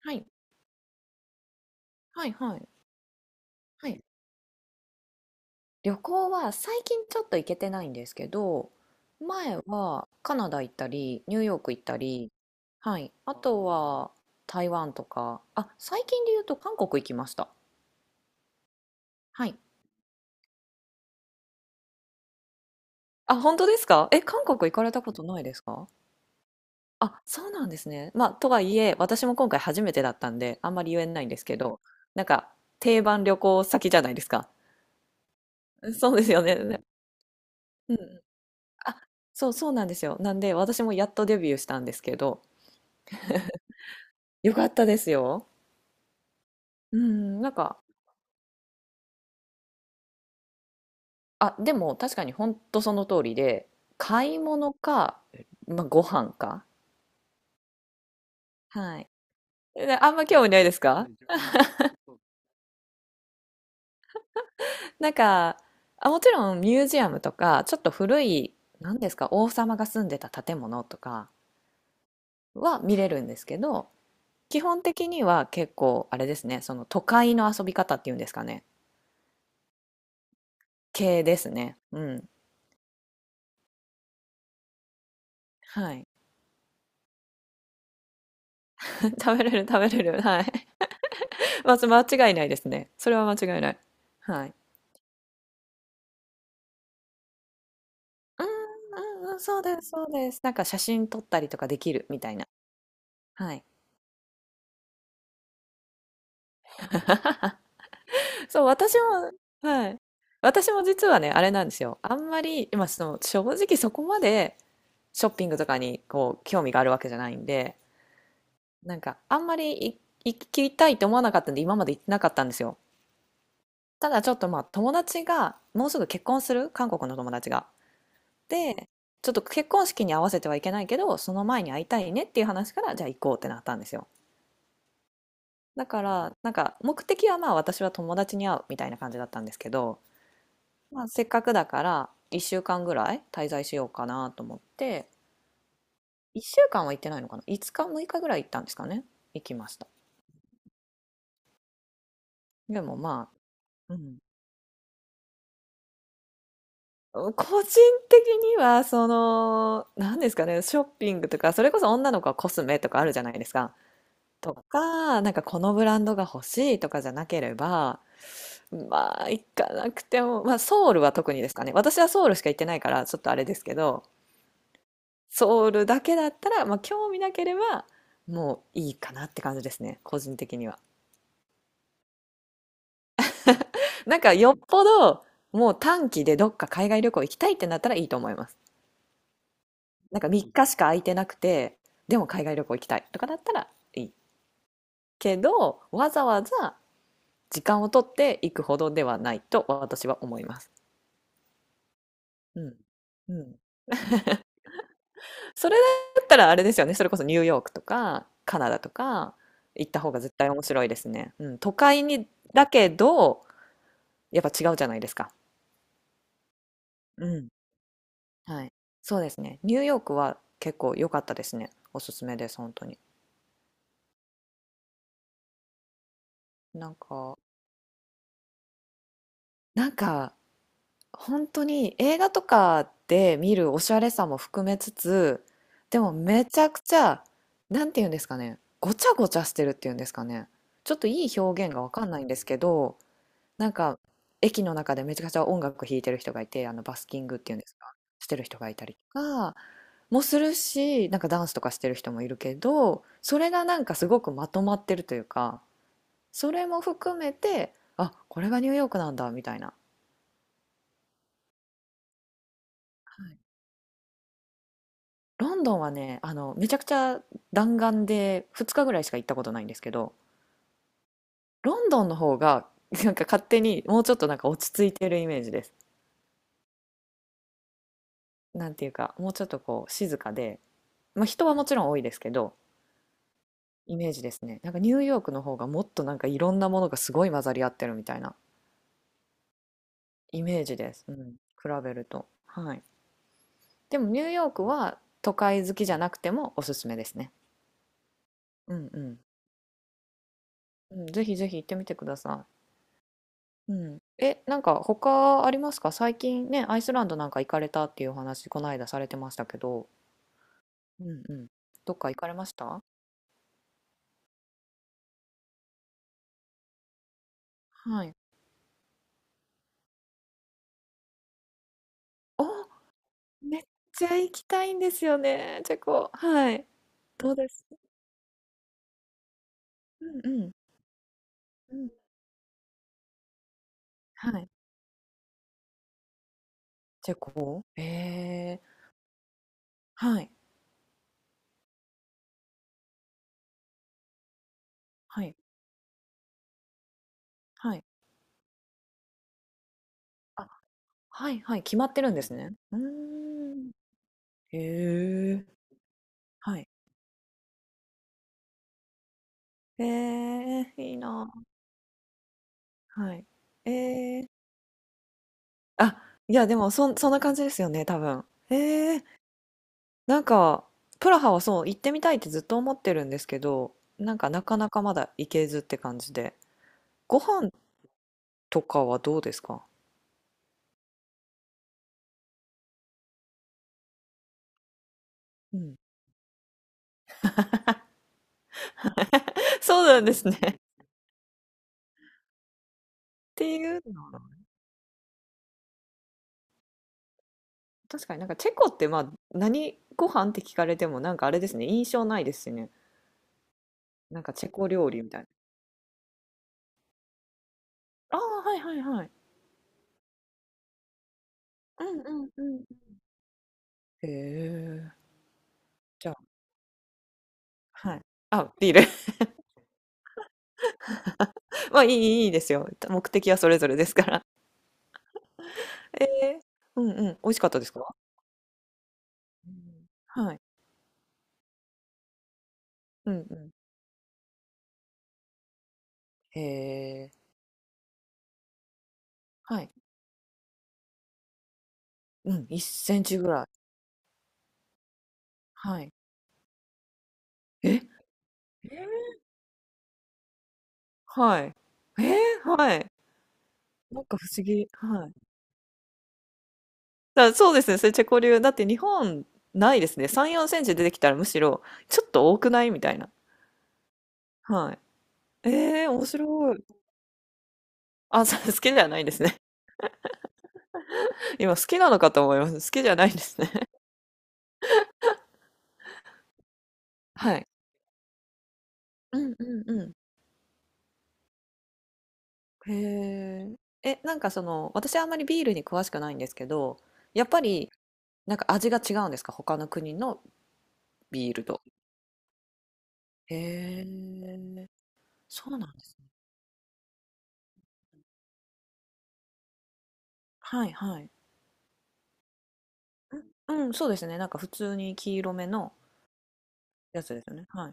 はい。はいはい。はい。旅行は最近ちょっと行けてないんですけど、前はカナダ行ったり、ニューヨーク行ったり、はい。あとは台湾とか、あ、最近で言うと韓国行きました。はい。あ、本当ですか？え、韓国行かれたことないですか？あ、そうなんですね。まあ、とはいえ、私も今回初めてだったんで、あんまり言えないんですけど、なんか、定番旅行先じゃないですか。そうですよね。うんうん。あ、そうそうなんですよ。なんで私もやっとデビューしたんですけど、よかったですよ。うん、なんか、あ、でも確かに本当その通りで、買い物か、まあ、ご飯か。はい。であんま興味ないですか？な んか、あ、もちろんミュージアムとか、ちょっと古い、何ですか、王様が住んでた建物とかは見れるんですけど、基本的には結構、あれですね、その都会の遊び方っていうんですかね、系ですね。うん。はい。食べれる、食べれる。はい。まず間違いないですね。それは間違いない。はい。うんうんうん、そうです、そうです。なんか写真撮ったりとかできるみたいな。はい。そう、私も、はい。私も実はね、あれなんですよ。あんまり、今、その、正直そこまでショッピングとかに、こう、興味があるわけじゃないんで、なんか、あんまり行きたいと思わなかったんで、今まで行ってなかったんですよ。ただちょっとまあ、友達が、もうすぐ結婚する、韓国の友達が。で、ちょっと結婚式に合わせてはいけないけど、その前に会いたいねっていう話から、じゃあ行こうってなったんですよ。だから、なんか目的はまあ私は友達に会うみたいな感じだったんですけど、まあ、せっかくだから1週間ぐらい滞在しようかなと思って、1週間は行ってないのかな？ 5 日、6日ぐらい行ったんですかね？行きました。でもまあ、うん。個人的には、その、何ですかね、ショッピングとか、それこそ女の子はコスメとかあるじゃないですか。とか、なんかこのブランドが欲しいとかじゃなければ、まあ、行かなくても、まあ、ソウルは特にですかね。私はソウルしか行ってないから、ちょっとあれですけど、ソウルだけだったら、まあ、興味なければ、もういいかなって感じですね、個人的には。なんか、よっぽど、もう短期でどっか海外旅行行きたいってなったらいいと思います。なんか3日しか空いてなくて、でも海外旅行行きたいとかだったらいい。けど、わざわざ時間を取って行くほどではないと私は思います。うん。うん。それだったらあれですよね。それこそニューヨークとかカナダとか行った方が絶対面白いですね。うん、都会に、だけどやっぱ違うじゃないですか。うん。はい。そうですね。ニューヨークは結構良かったですね。おすすめです、本当に。なんか、なんか本当に映画とかで見るおしゃれさも含めつつ、でもめちゃくちゃ、なんて言うんですかね。ごちゃごちゃしてるっていうんですかね。ちょっといい表現がわかんないんですけど、なんか、駅の中でめちゃくちゃ音楽弾いてる人がいて、あのバスキングっていうんですか、してる人がいたりとかもするし、なんかダンスとかしてる人もいるけど、それがなんかすごくまとまってるというか、それも含めて、あ、これがニューヨークなんだみたいな。はい。ロンドンはね、あの、めちゃくちゃ弾丸で2日ぐらいしか行ったことないんですけど、ロンドンの方がなんか勝手にもうちょっとなんか落ち着いてるイメージです。なんていうか、もうちょっとこう静かで、まあ、人はもちろん多いですけど、イメージですね。なんかニューヨークの方がもっとなんかいろんなものがすごい混ざり合ってるみたいなイメージです。うん。比べると。はい。でもニューヨークは都会好きじゃなくてもおすすめですね。うんうん。うん、ぜひぜひ行ってみてください。うん。え、なんか他ありますか？最近ね、アイスランドなんか行かれたっていうお話、この間されてましたけど。うんうん。どっか行かれました？はい。お、めっちゃ行きたいんですよね、チェコ。はい。どうです？うんうん。うん。はい。チェコ。ええ、はい、はい、はい。あ、はいはい、決まってるんですね。うーん。へえ、はい。ええ、いいな。はい。ええ、あ、いやでもそんな感じですよね、多分。ええ、なんか、プラハはそう、行ってみたいってずっと思ってるんですけど、なんかなかなかまだ行けずって感じで。ご飯とかはどうですか？うん。そうなんですね。っていうのは、確かになんかチェコってまあ何ご飯って聞かれてもなんかあれですね、印象ないですしね。なんかチェコ料理みたいな。ああ、はいはいはい。うんうんうん。へえ。じゃあ、はい、あ、ビール。 まあいいいいいいですよ。目的はそれぞれですから。えー、うんうん、美味しかったですか？うん、はい。うんうん。へえ。はい。うん、1センチぐらい。はい。え、はい。えー、はい。なんか不思議。はい。だそうですね、それチェコ流。だって日本ないですね。3、4センチ出てきたらむしろちょっと多くないみたいな。はい。えー、面白い。あ、そう好きじゃないんですね。今好きなのかと思います。好きじゃないんですね。はい。うんうんうん。へえ。え、なんかその、私あんまりビールに詳しくないんですけど、やっぱりなんか味が違うんですか？他の国のビールと。へえ。そうなんですね。はいはい。うん、うんそうですね。なんか普通に黄色めのやつですよね。はい。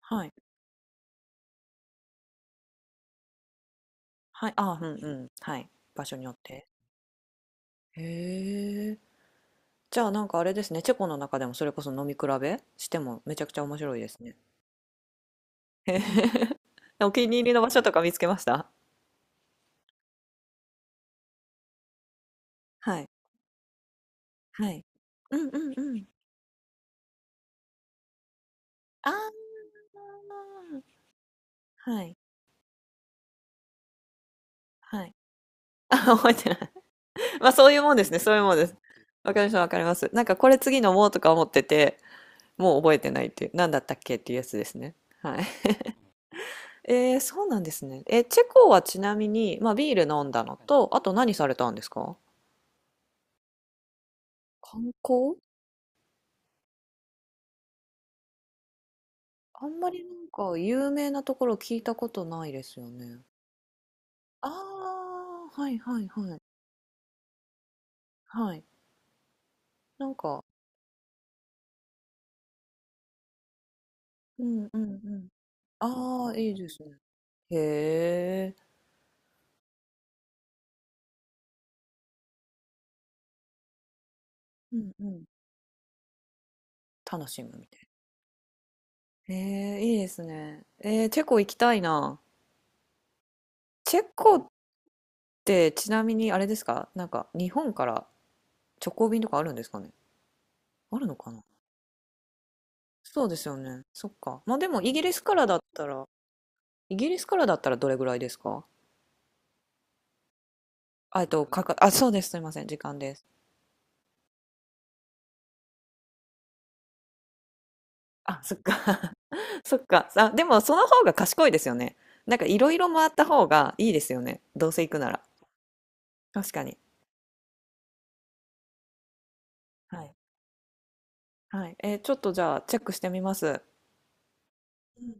はい。はい。ああ、うんうん。はい。場所によって。へえ。じゃあなんかあれですね。チェコの中でもそれこそ飲み比べしてもめちゃくちゃ面白いですね。へへ、お気に入りの場所とか見つけました？はい。はい。うんうんうん。ああ、はい。はい。あ、覚えてない。まあそういうもんですね。そういうもんです。わかります、わかります。なんかこれ次飲もうとか思ってて、もう覚えてないっていう、なんだったっけっていうやつですね。はい。えー、そうなんですね。え、チェコはちなみに、まあ、ビール飲んだのと、あと何されたんですか？観光、あんまりなんか有名なところ聞いたことないですよね。ああ、はいはいはい。はい。なんか、うんうんうん。ああ、いいですね。へえ、うんうん。楽しむみたいな。えー、いいですね。えー、チェコ行きたいな。チェコってちなみにあれですか、なんか日本から直行便とかあるんですかね？あるのかな？そうですよね。そっか。まあでもイギリスからだったら、イギリスからだったらどれぐらいですか？あ、あ、そうです。すいません。時間です。あ、そっか。そっか。あ、でもその方が賢いですよね。なんかいろいろ回った方がいいですよね。どうせ行くなら。確かに。はい。はい。ちょっとじゃあチェックしてみます。うん